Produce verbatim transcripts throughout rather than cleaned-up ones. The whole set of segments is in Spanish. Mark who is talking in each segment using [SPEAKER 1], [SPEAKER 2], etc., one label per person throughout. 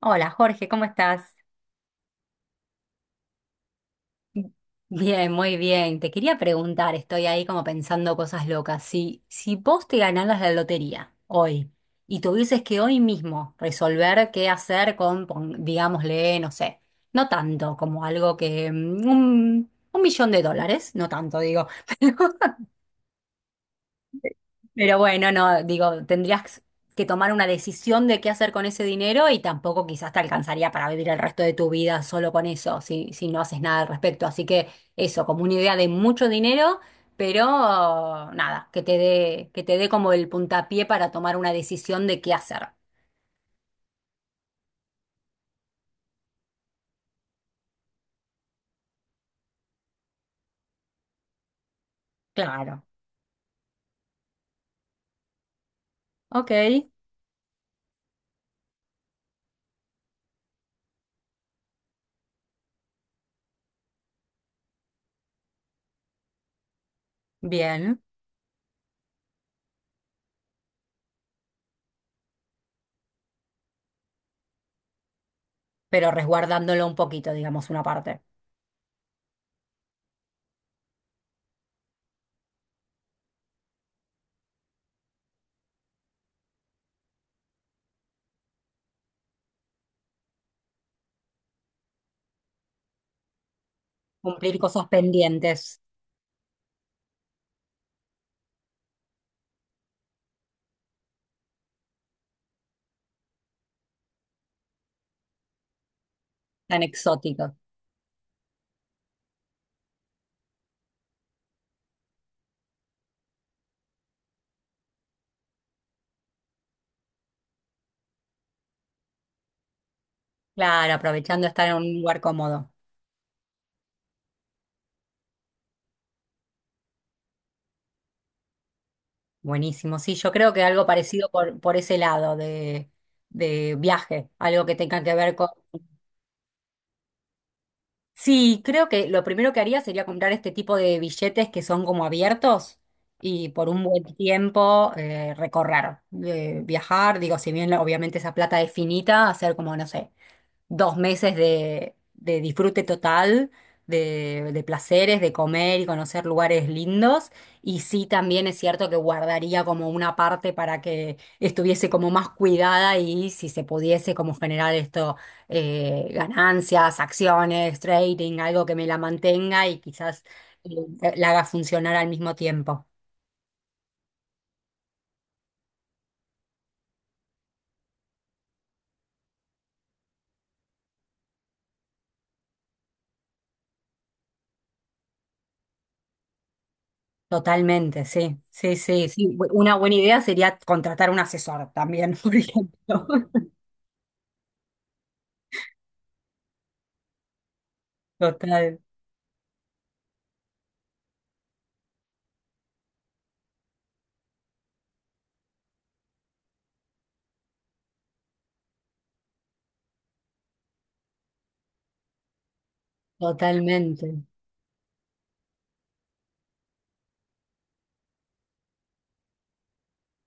[SPEAKER 1] Hola Jorge, ¿cómo estás? Bien, muy bien. Te quería preguntar, estoy ahí como pensando cosas locas. Si, si vos te ganaras la lotería hoy y tuvieses que hoy mismo resolver qué hacer con, pon- digámosle, no sé, no tanto como algo que mm, un, un millón de dólares, no tanto digo. Pero bueno, no, digo, tendrías que tomar una decisión de qué hacer con ese dinero y tampoco quizás te alcanzaría para vivir el resto de tu vida solo con eso, si, si no haces nada al respecto. Así que eso, como una idea de mucho dinero, pero nada, que te dé, que te dé como el puntapié para tomar una decisión de qué hacer. Claro. Ok, bien, pero resguardándolo un poquito, digamos, una parte. Cumplir cosas pendientes tan exóticos. Claro, aprovechando estar en un lugar cómodo. Buenísimo, sí, yo creo que algo parecido por, por ese lado de, de viaje, algo que tenga que ver con... Sí, creo que lo primero que haría sería comprar este tipo de billetes que son como abiertos y por un buen tiempo eh, recorrer, eh, viajar, digo, si bien obviamente esa plata es finita, hacer como, no sé, dos meses de, de disfrute total, de, de placeres, de comer y conocer lugares lindos. Y sí, también es cierto que guardaría como una parte para que estuviese como más cuidada y si se pudiese como generar esto, eh, ganancias, acciones, trading, algo que me la mantenga y quizás eh, la haga funcionar al mismo tiempo. Totalmente, sí, sí, sí, sí. Bu- Una buena idea sería contratar un asesor también, por ejemplo. Total. Totalmente,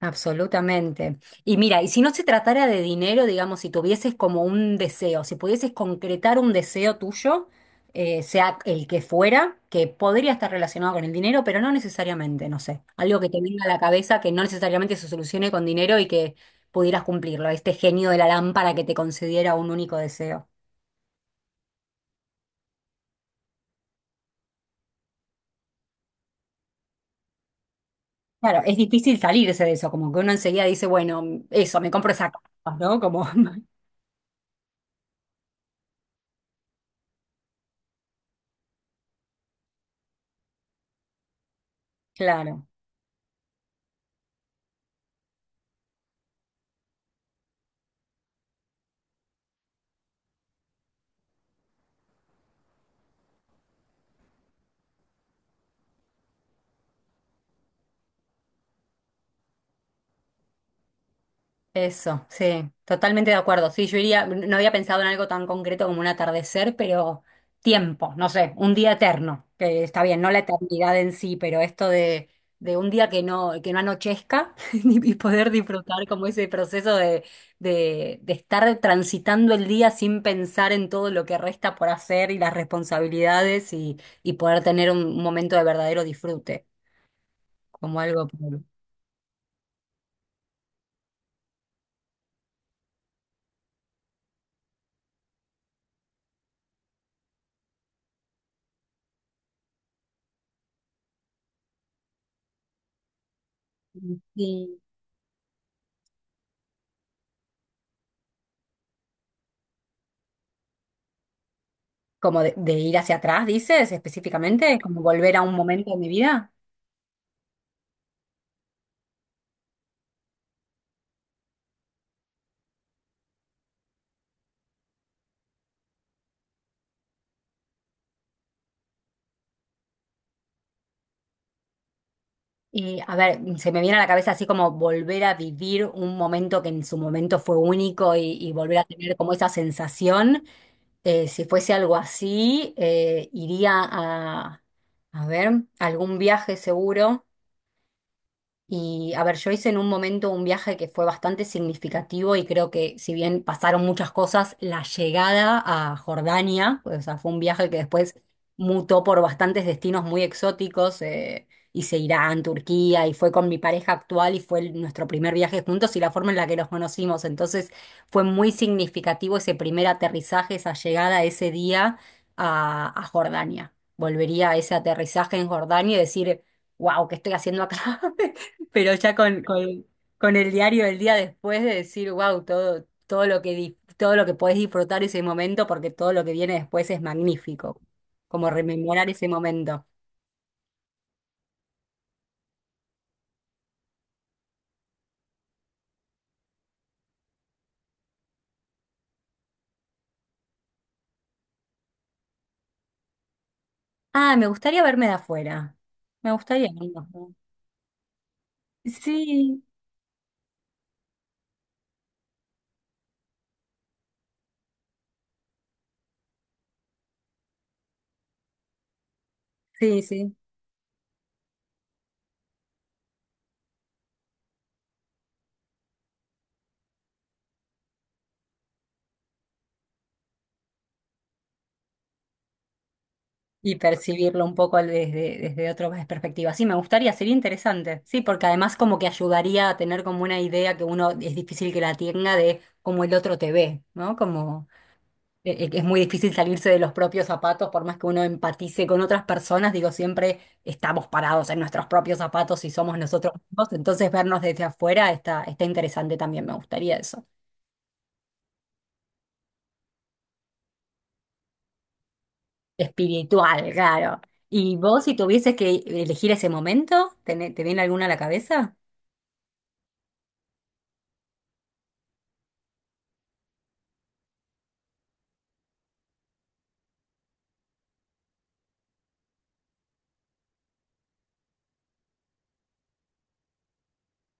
[SPEAKER 1] absolutamente. Y mira, y si no se tratara de dinero, digamos, si tuvieses como un deseo, si pudieses concretar un deseo tuyo, eh, sea el que fuera, que podría estar relacionado con el dinero, pero no necesariamente, no sé, algo que te venga a la cabeza que no necesariamente se solucione con dinero y que pudieras cumplirlo, este genio de la lámpara que te concediera un único deseo. Claro, es difícil salirse de eso, como que uno enseguida dice, bueno, eso, me compro esa casa, ¿no? Como, claro. Eso, sí, totalmente de acuerdo. Sí, yo iría, no había pensado en algo tan concreto como un atardecer, pero tiempo, no sé, un día eterno, que está bien, no la eternidad en sí, pero esto de, de un día que no, que no anochezca, y poder disfrutar como ese proceso de, de, de estar transitando el día sin pensar en todo lo que resta por hacer y las responsabilidades, y, y poder tener un momento de verdadero disfrute, como algo... Sí. Como de, de ir hacia atrás, dices específicamente, como volver a un momento de mi vida. Y a ver, se me viene a la cabeza así como volver a vivir un momento que en su momento fue único y, y volver a tener como esa sensación. Eh, si fuese algo así, eh, iría a, a ver, algún viaje seguro. Y a ver, yo hice en un momento un viaje que fue bastante significativo y creo que si bien pasaron muchas cosas, la llegada a Jordania, o sea, fue un viaje que después mutó por bastantes destinos muy exóticos. eh, hice Irán, Turquía y fue con mi pareja actual y fue el- nuestro primer viaje juntos y la forma en la que nos conocimos. Entonces fue muy significativo ese primer aterrizaje, esa llegada ese día a, a Jordania. Volvería a ese aterrizaje en Jordania y decir, wow, ¿qué estoy haciendo acá? Pero ya con, con, con el diario del día después de decir, wow, todo, todo lo que di- todo lo que podés disfrutar ese momento, porque todo lo que viene después es magnífico. Como rememorar ese momento. Ah, me gustaría verme de afuera. Me gustaría verlo, ¿no? Sí, sí, sí. Y percibirlo un poco desde, desde otra perspectiva. Sí, me gustaría, sería interesante. Sí, porque además como que ayudaría a tener como una idea que uno es difícil que la tenga de cómo el otro te ve, ¿no? Como e- e- es muy difícil salirse de los propios zapatos, por más que uno empatice con otras personas, digo, siempre estamos parados en nuestros propios zapatos y somos nosotros mismos, entonces vernos desde afuera está, está interesante también, me gustaría eso. Espiritual, claro. ¿Y vos si tuvieses que elegir ese momento, ¿Tené- te viene alguna a la cabeza?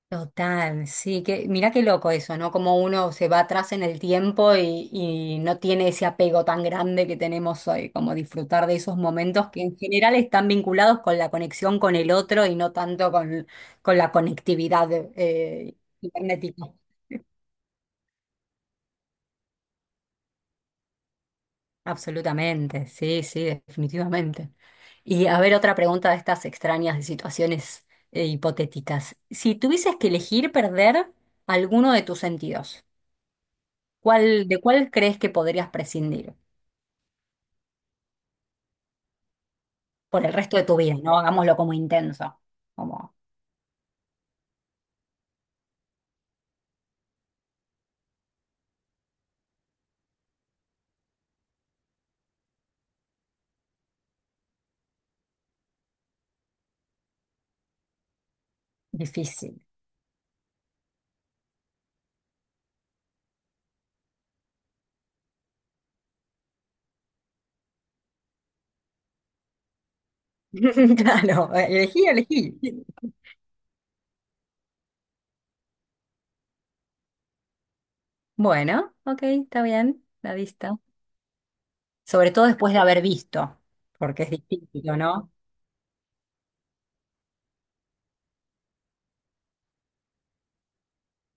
[SPEAKER 1] Total, sí, que mira qué loco eso, ¿no? Como uno se va atrás en el tiempo y, y no tiene ese apego tan grande que tenemos hoy, como disfrutar de esos momentos que en general están vinculados con la conexión con el otro y no tanto con, con la conectividad eh, cibernética. Absolutamente, sí, sí, definitivamente. Y a ver, otra pregunta de estas extrañas de situaciones eh, hipotéticas. Si tuvieses que elegir perder alguno de tus sentidos. ¿Cuál, de cuál crees que podrías prescindir por el resto de tu vida? No hagámoslo como intenso, como difícil. Claro, elegí, elegí. Bueno, ok, está bien, la vista. Sobre todo después de haber visto, porque es distinto, ¿no?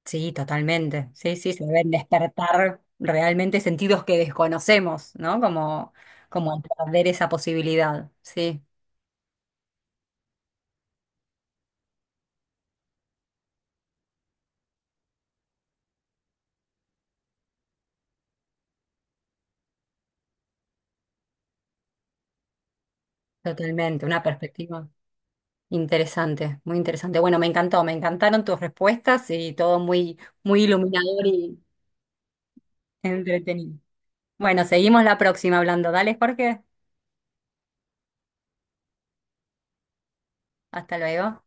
[SPEAKER 1] Sí, totalmente. Sí, sí, se deben despertar realmente sentidos que desconocemos, ¿no? Como, como al perder esa posibilidad. Sí, totalmente. Una perspectiva. Interesante, muy interesante. Bueno, me encantó, me encantaron tus respuestas y todo muy, muy iluminador y entretenido. Bueno, seguimos la próxima hablando. Dale, Jorge. Hasta luego.